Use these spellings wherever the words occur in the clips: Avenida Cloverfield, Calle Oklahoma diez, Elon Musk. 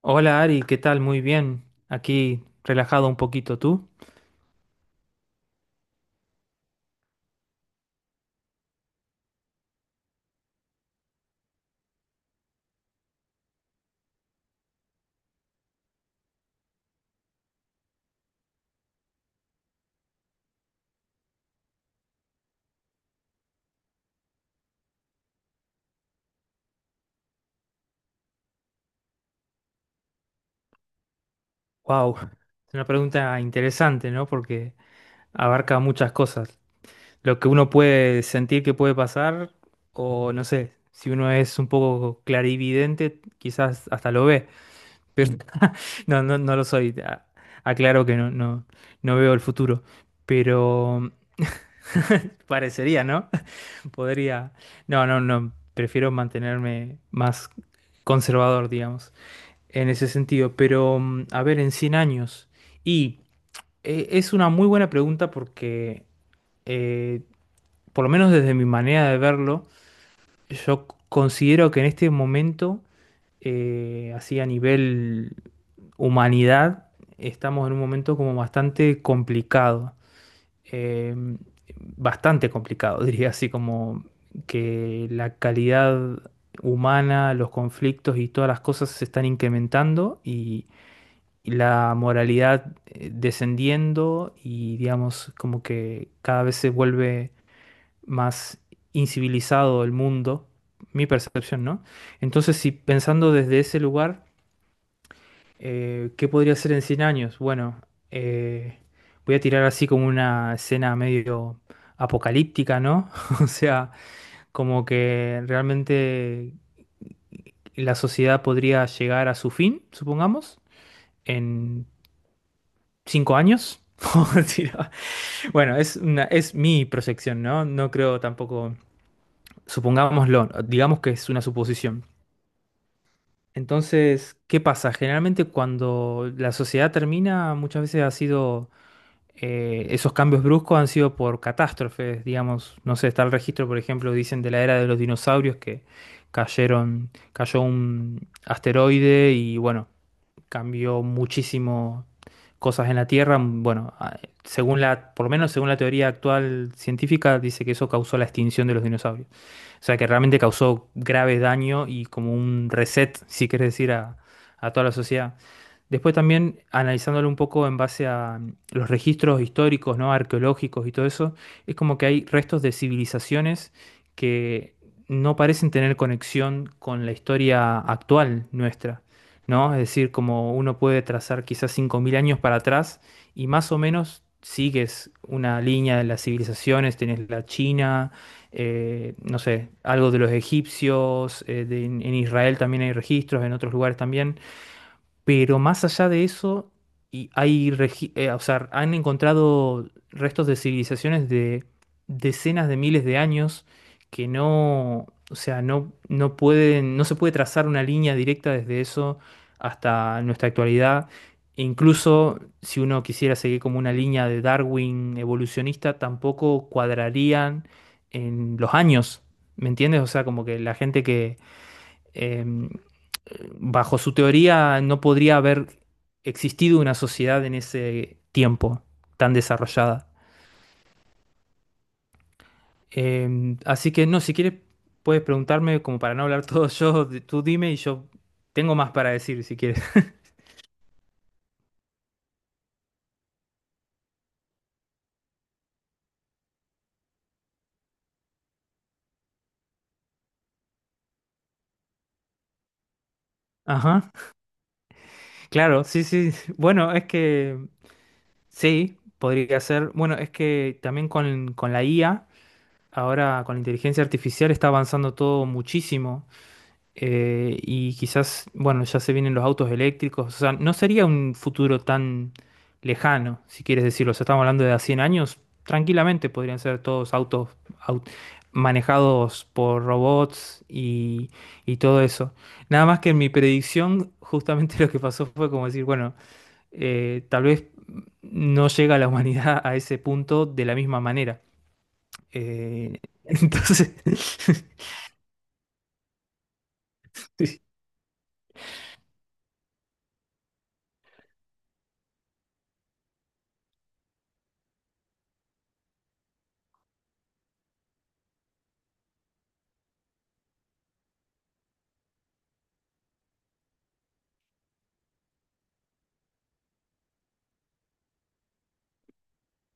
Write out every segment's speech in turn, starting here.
Hola Ari, ¿qué tal? Muy bien. Aquí relajado un poquito tú. Wow, es una pregunta interesante, ¿no? Porque abarca muchas cosas. Lo que uno puede sentir que puede pasar, o no sé, si uno es un poco clarividente, quizás hasta lo ve. Pero no, no, no lo soy. Aclaro que no, no, no veo el futuro. Pero parecería, ¿no? Podría. No, no, no. Prefiero mantenerme más conservador, digamos, en ese sentido. Pero, a ver, en 100 años. Y es una muy buena pregunta porque, eh, por lo menos desde mi manera de verlo, yo considero que en este momento, así a nivel humanidad, estamos en un momento como bastante complicado. Eh, Bastante complicado, diría así, como que la calidad humana, los conflictos y todas las cosas se están incrementando y la moralidad descendiendo, y digamos como que cada vez se vuelve más incivilizado el mundo, mi percepción, ¿no? Entonces, si pensando desde ese lugar, ¿qué podría ser en 100 años? Bueno, eh, voy a tirar así como una escena medio apocalíptica, ¿no? O sea, como que realmente la sociedad podría llegar a su fin, supongamos, en 5 años. Sí, no. Bueno, es mi proyección, ¿no? No creo tampoco, supongámoslo, digamos que es una suposición. Entonces, ¿qué pasa? Generalmente cuando la sociedad termina, muchas veces ha sido, esos cambios bruscos han sido por catástrofes, digamos, no sé, está el registro, por ejemplo, dicen de la era de los dinosaurios que cayeron, cayó un asteroide y bueno, cambió muchísimo cosas en la Tierra. Bueno, según la, por lo menos según la teoría actual científica, dice que eso causó la extinción de los dinosaurios. O sea que realmente causó grave daño y como un reset, si quieres decir, a toda la sociedad. Después también analizándolo un poco en base a los registros históricos, ¿no? Arqueológicos y todo eso, es como que hay restos de civilizaciones que no parecen tener conexión con la historia actual nuestra, ¿no? Es decir, como uno puede trazar quizás 5000 años para atrás y más o menos sigues una línea de las civilizaciones, tenés la China, no sé, algo de los egipcios, en Israel también hay registros, en otros lugares también. Pero más allá de eso, o sea, han encontrado restos de civilizaciones de decenas de miles de años que no se puede trazar una línea directa desde eso hasta nuestra actualidad. E incluso si uno quisiera seguir como una línea de Darwin evolucionista, tampoco cuadrarían en los años. ¿Me entiendes? O sea, como que la gente que em, bajo su teoría no podría haber existido una sociedad en ese tiempo tan desarrollada. Así que no, si quieres puedes preguntarme como para no hablar todo yo, tú dime y yo tengo más para decir si quieres. Ajá, claro, sí, sí. Bueno, es que sí, podría ser. Bueno, es que también con la IA, ahora con la inteligencia artificial está avanzando todo muchísimo. Y quizás, bueno, ya se vienen los autos eléctricos, o sea, no sería un futuro tan lejano, si quieres decirlo, o sea, estamos hablando de a 100 años, tranquilamente podrían ser todos autos au- manejados por robots y todo eso. Nada más que en mi predicción, justamente lo que pasó fue como decir, bueno, tal vez no llega la humanidad a ese punto de la misma manera. Eh, entonces, sí,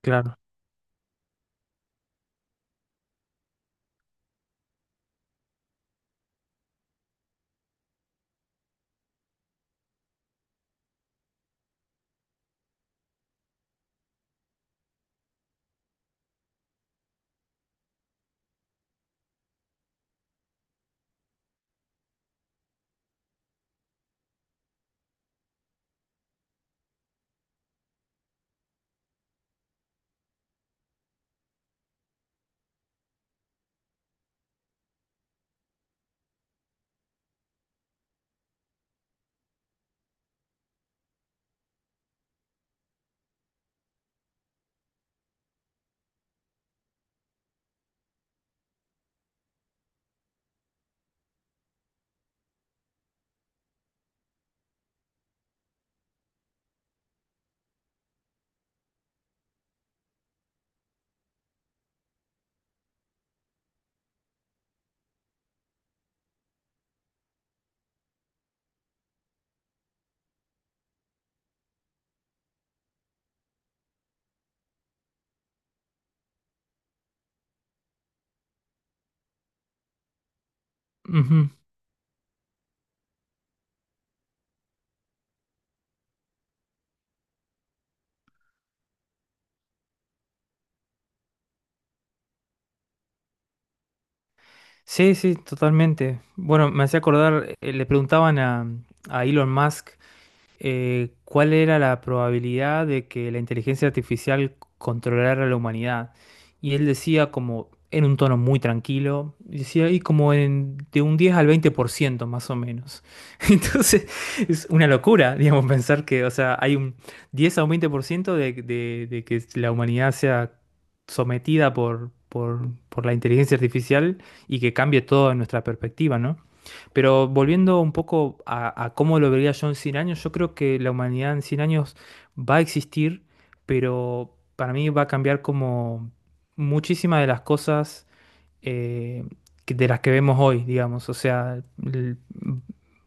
claro. Sí, sí, totalmente. Bueno, me hacía acordar, a Elon Musk cuál era la probabilidad de que la inteligencia artificial controlara a la humanidad. Y él decía como en un tono muy tranquilo, decía y como en, de un 10 al 20 por ciento más o menos. Entonces es una locura, digamos, pensar que, o sea, hay un 10 a un 20% de que la humanidad sea sometida por la inteligencia artificial y que cambie todo en nuestra perspectiva, ¿no? Pero volviendo un poco a cómo lo vería yo en 100 años, yo creo que la humanidad en 100 años va a existir, pero para mí va a cambiar como muchísimas de las cosas eh, de las que vemos hoy, digamos.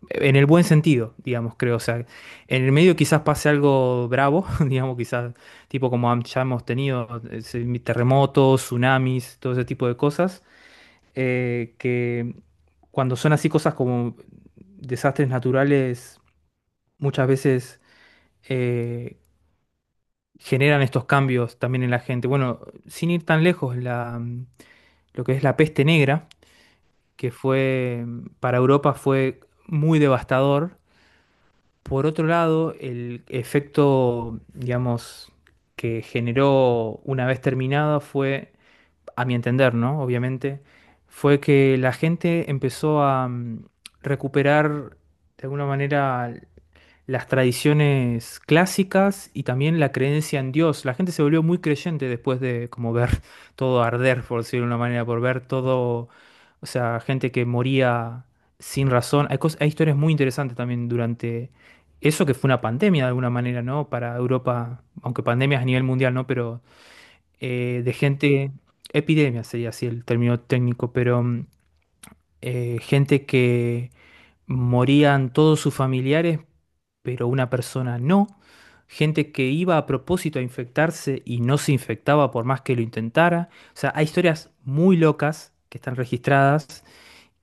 En el buen sentido, digamos, creo. O sea, en el medio quizás pase algo bravo, digamos, quizás tipo ya hemos tenido terremotos, tsunamis, todo ese tipo de cosas que cuando son así cosas como desastres naturales, muchas veces eh, generan estos cambios también en la gente. Bueno, sin ir tan lejos, lo que es la peste negra, que fue, para Europa fue muy devastador. Por otro lado, el efecto, digamos, que generó una vez terminada fue, a mi entender, ¿no? Obviamente, fue que la gente empezó a recuperar de alguna manera las tradiciones clásicas y también la creencia en Dios. La gente se volvió muy creyente después de como ver todo arder, por decirlo de una manera, por ver todo, o sea, gente que moría sin razón. Hay historias muy interesantes también durante eso que fue una pandemia de alguna manera, ¿no? Para Europa, aunque pandemias a nivel mundial, ¿no? Pero eh, de gente, epidemia sería así el término técnico, pero gente que morían todos sus familiares, pero una persona no, gente que iba a propósito a infectarse y no se infectaba por más que lo intentara. O sea, hay historias muy locas que están registradas,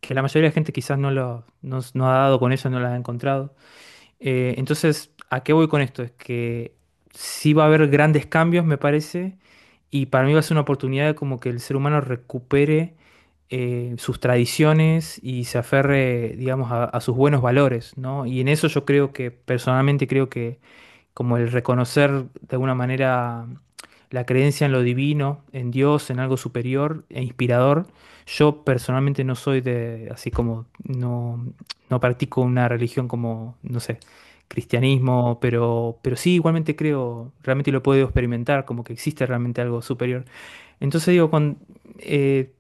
que la mayoría de la gente quizás no, lo, no, no ha dado con ellas, no las ha encontrado. Entonces, ¿a qué voy con esto? Es que sí va a haber grandes cambios, me parece, y para mí va a ser una oportunidad de como que el ser humano recupere sus tradiciones y se aferre, digamos, a sus buenos valores, ¿no? Y en eso yo creo que, personalmente creo que como el reconocer de alguna manera la creencia en lo divino, en Dios, en algo superior e inspirador. Yo personalmente no soy de, así como, no, no practico una religión como, no sé, cristianismo, pero sí, igualmente creo, realmente lo puedo experimentar, como que existe realmente algo superior. Entonces digo, con, eh,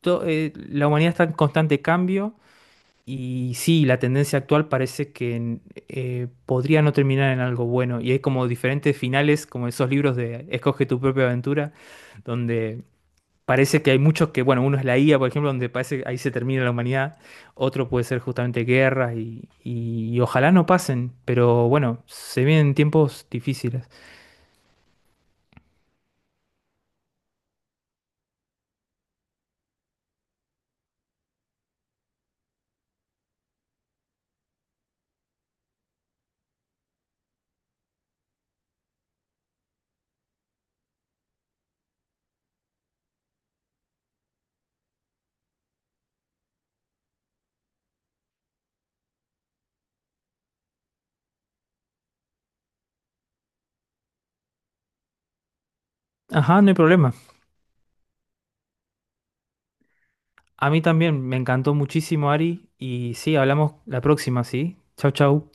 la humanidad está en constante cambio y sí, la tendencia actual parece que podría no terminar en algo bueno. Y hay como diferentes finales, como esos libros de Escoge tu propia aventura, donde parece que hay muchos que, bueno, uno es la IA, por ejemplo, donde parece que ahí se termina la humanidad. Otro puede ser justamente guerras y ojalá no pasen. Pero bueno, se vienen tiempos difíciles. Ajá, no hay problema. A mí también me encantó muchísimo, Ari. Y sí, hablamos la próxima, ¿sí? Chau, chau.